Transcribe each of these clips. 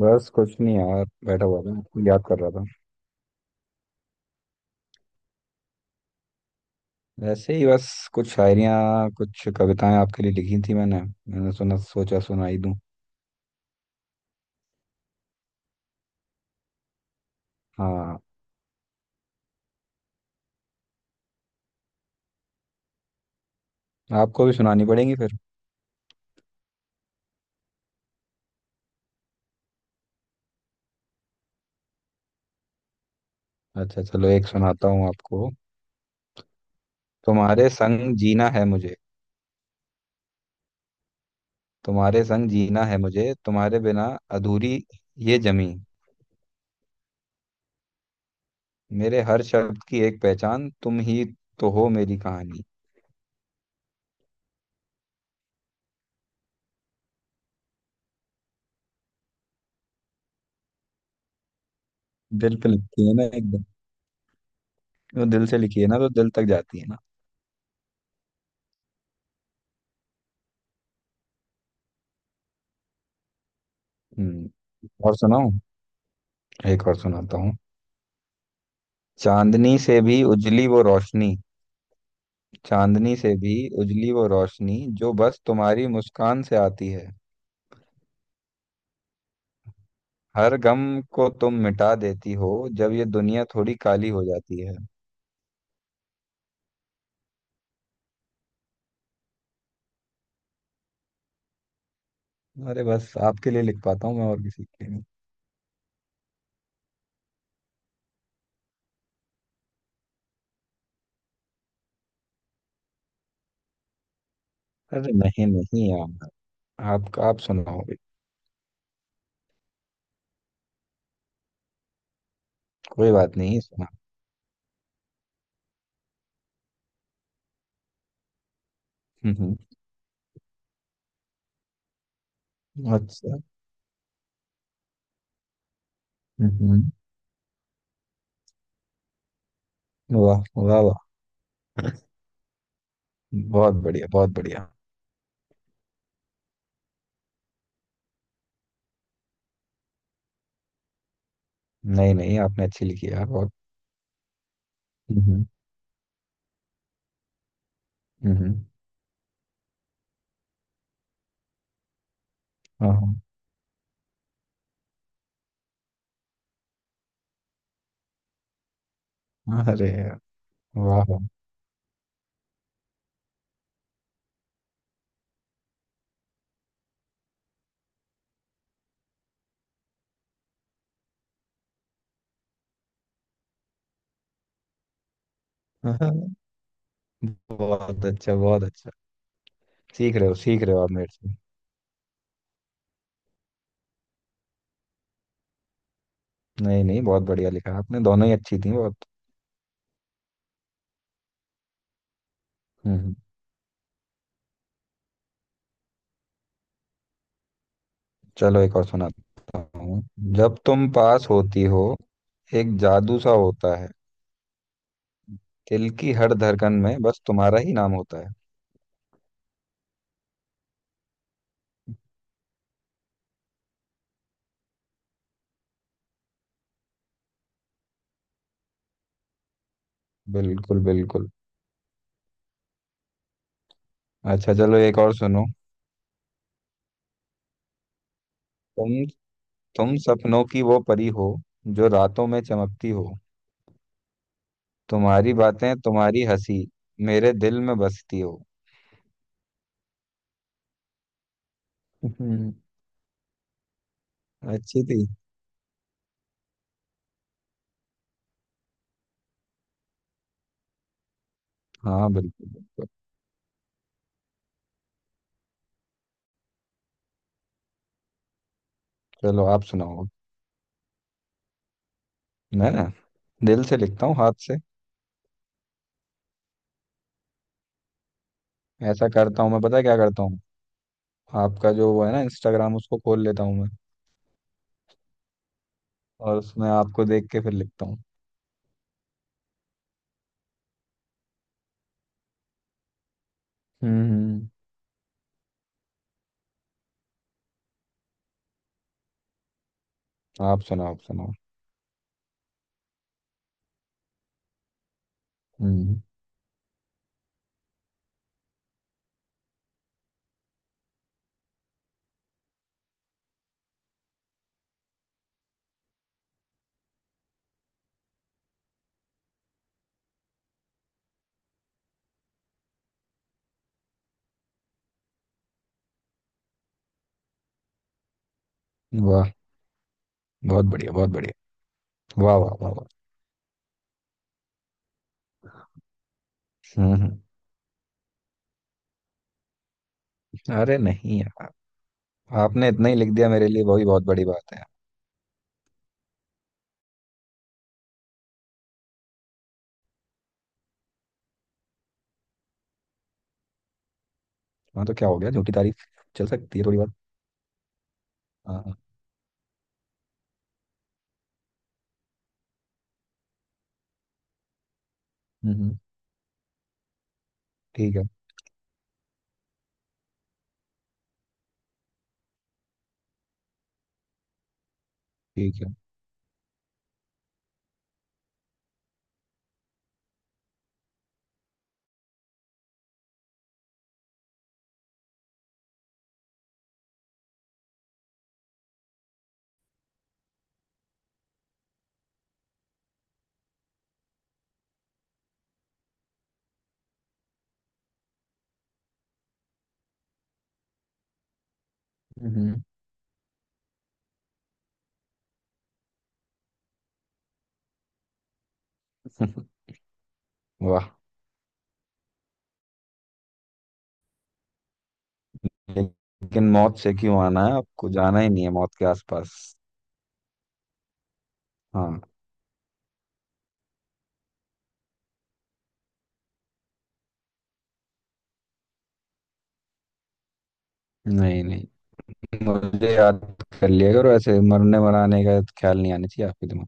बस कुछ नहीं यार, बैठा हुआ था, याद कर रहा था। वैसे ही बस, कुछ शायरियाँ कुछ कविताएं आपके लिए लिखी थी मैंने मैंने सुना, सोचा सुनाई दूं। हाँ, आपको भी सुनानी पड़ेंगी फिर। अच्छा चलो, एक सुनाता हूँ आपको। तुम्हारे संग जीना है मुझे, तुम्हारे संग जीना है मुझे, तुम्हारे बिना अधूरी ये जमी। मेरे हर शब्द की एक पहचान तुम ही तो हो, मेरी कहानी। दिल पे लिखी है ना एकदम। वो दिल से लिखी है ना, तो दिल तक जाती है ना। हम्म, और सुनाऊं। एक और सुनाता हूँ। चांदनी से भी उजली वो रोशनी, चांदनी से भी उजली वो रोशनी, जो बस तुम्हारी मुस्कान से आती है। हर गम को तुम मिटा देती हो, जब ये दुनिया थोड़ी काली हो जाती है। अरे बस आपके लिए लिख पाता हूँ मैं, और किसी के लिए नहीं। अरे नहीं नहीं यार, आप सुनाओ भी। कोई बात नहीं, सुना। हम्म, अच्छा। हम्म, वाह वाह वाह, बहुत बढ़िया बहुत बढ़िया। नहीं नहीं, आपने अच्छी लिखी यार, बहुत। हम्म, हम्म, हाँ हाँ, अरे यार, वाह वाह। बहुत अच्छा बहुत अच्छा। सीख रहे हो, सीख रहे हो आप मेरे से। नहीं नहीं, बहुत बढ़िया लिखा आपने, दोनों ही अच्छी थी बहुत। हम्म। चलो एक और सुनाता हूँ। जब तुम पास होती हो, एक जादू सा होता है। दिल की हर धड़कन में बस तुम्हारा ही नाम होता है। बिल्कुल बिल्कुल। अच्छा चलो एक और सुनो। तुम तुम सपनों की वो परी हो, जो रातों में चमकती हो। तुम्हारी बातें, तुम्हारी हंसी, मेरे दिल में बसती हो। अच्छी थी। हाँ बिल्कुल बिल्कुल। चलो आप सुनाओ। मैं ना दिल से लिखता हूँ, हाथ से। ऐसा करता हूँ मैं, पता है क्या करता हूँ? आपका जो वो है ना इंस्टाग्राम, उसको खोल लेता हूँ मैं, और उसमें आपको देख के फिर लिखता हूँ। हम्म, आप सुनाओ, आप सुनाओ। हम्म, वाह, बहुत बढ़िया बहुत बढ़िया, वाह वाह वाह वाह। हम्म, अरे नहीं यार, आपने इतना ही लिख दिया मेरे लिए, वही बहुत बड़ी बात है। हाँ तो क्या हो गया झूठी तारीफ, चल सकती है थोड़ी बात। हाँ हाँ, हम्म, ठीक है, ठीक है। हम्म, हम्म, वाह। लेकिन मौत से क्यों आना है, आपको जाना ही नहीं है मौत के आसपास। हाँ, नहीं नहीं, मुझे याद कर लिया करो, ऐसे मरने मराने का ख्याल नहीं आना चाहिए आपके दिमाग,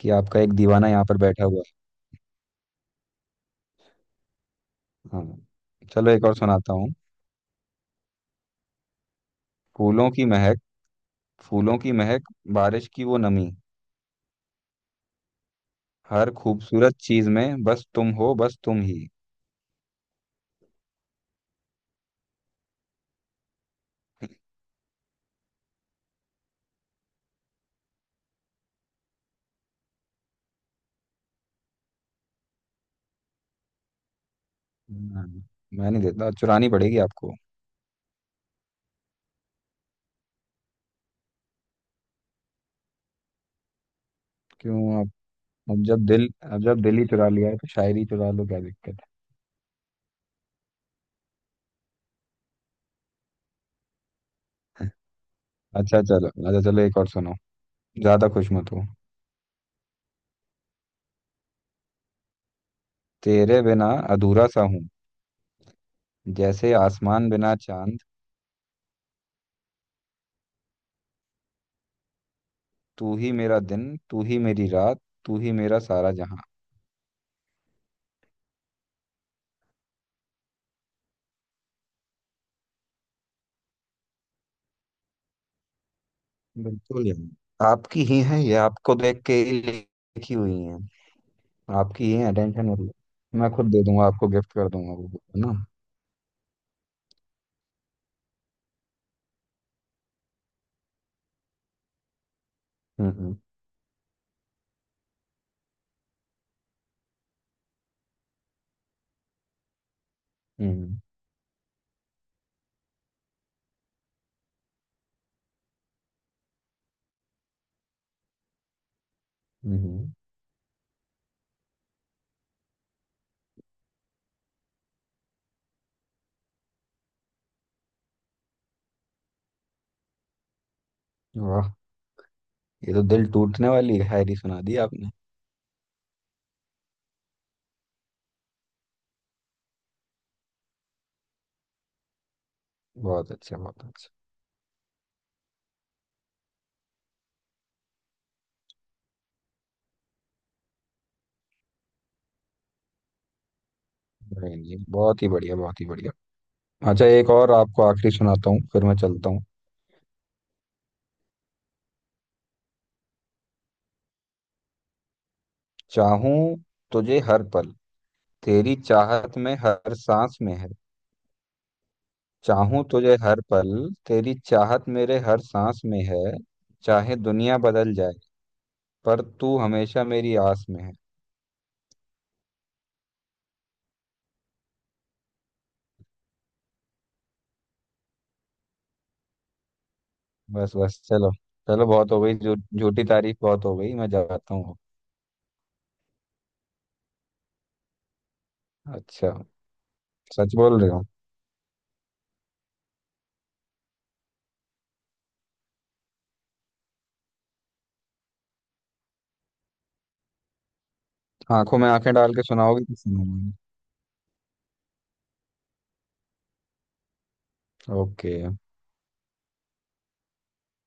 कि आपका एक दीवाना यहाँ पर बैठा हुआ है। हाँ, चलो एक और सुनाता हूँ। फूलों की महक फूलों की महक, बारिश की वो नमी, हर खूबसूरत चीज में बस तुम हो, बस तुम ही। नहीं, मैं नहीं देता, चुरानी पड़ेगी आपको। क्यों आप, अब जब दिल ही चुरा लिया है, तो शायरी चुरा लो, क्या दिक्कत है। अच्छा चलो, अच्छा चलो एक और सुनाओ। ज्यादा खुश मत हो। तेरे बिना अधूरा सा हूँ, जैसे आसमान बिना चांद। तू ही मेरा दिन, तू ही मेरी रात, तू ही मेरा सारा जहां। बिल्कुल यार, आपकी ही है ये, आपको देख के ही लिखी हुई है। आपकी ही है, टेंशन मत लो। मैं खुद दे दूंगा आपको, गिफ्ट कर दूंगा वो book, है ना। हम्म, हम्म, हम्म, हम्म। वाह, ये तो दिल टूटने वाली शायरी सुना दी आपने। बहुत अच्छा बहुत अच्छा। नहीं, नहीं, बहुत ही बढ़िया बहुत ही बढ़िया। अच्छा, एक और आपको आखिरी सुनाता हूँ, फिर मैं चलता हूँ। चाहूं तुझे हर पल, तेरी चाहत में हर सांस में है। चाहूं तुझे हर पल, तेरी चाहत मेरे हर सांस में है। चाहे दुनिया बदल जाए, पर तू हमेशा मेरी आस में है। बस बस, चलो चलो, बहुत हो गई झूठी तारीफ, बहुत हो गई, मैं जाता हूँ। अच्छा, सच बोल रहे हो। आंखों में आंखें डाल के सुनाओगे तो सुनाऊंगा। ओके।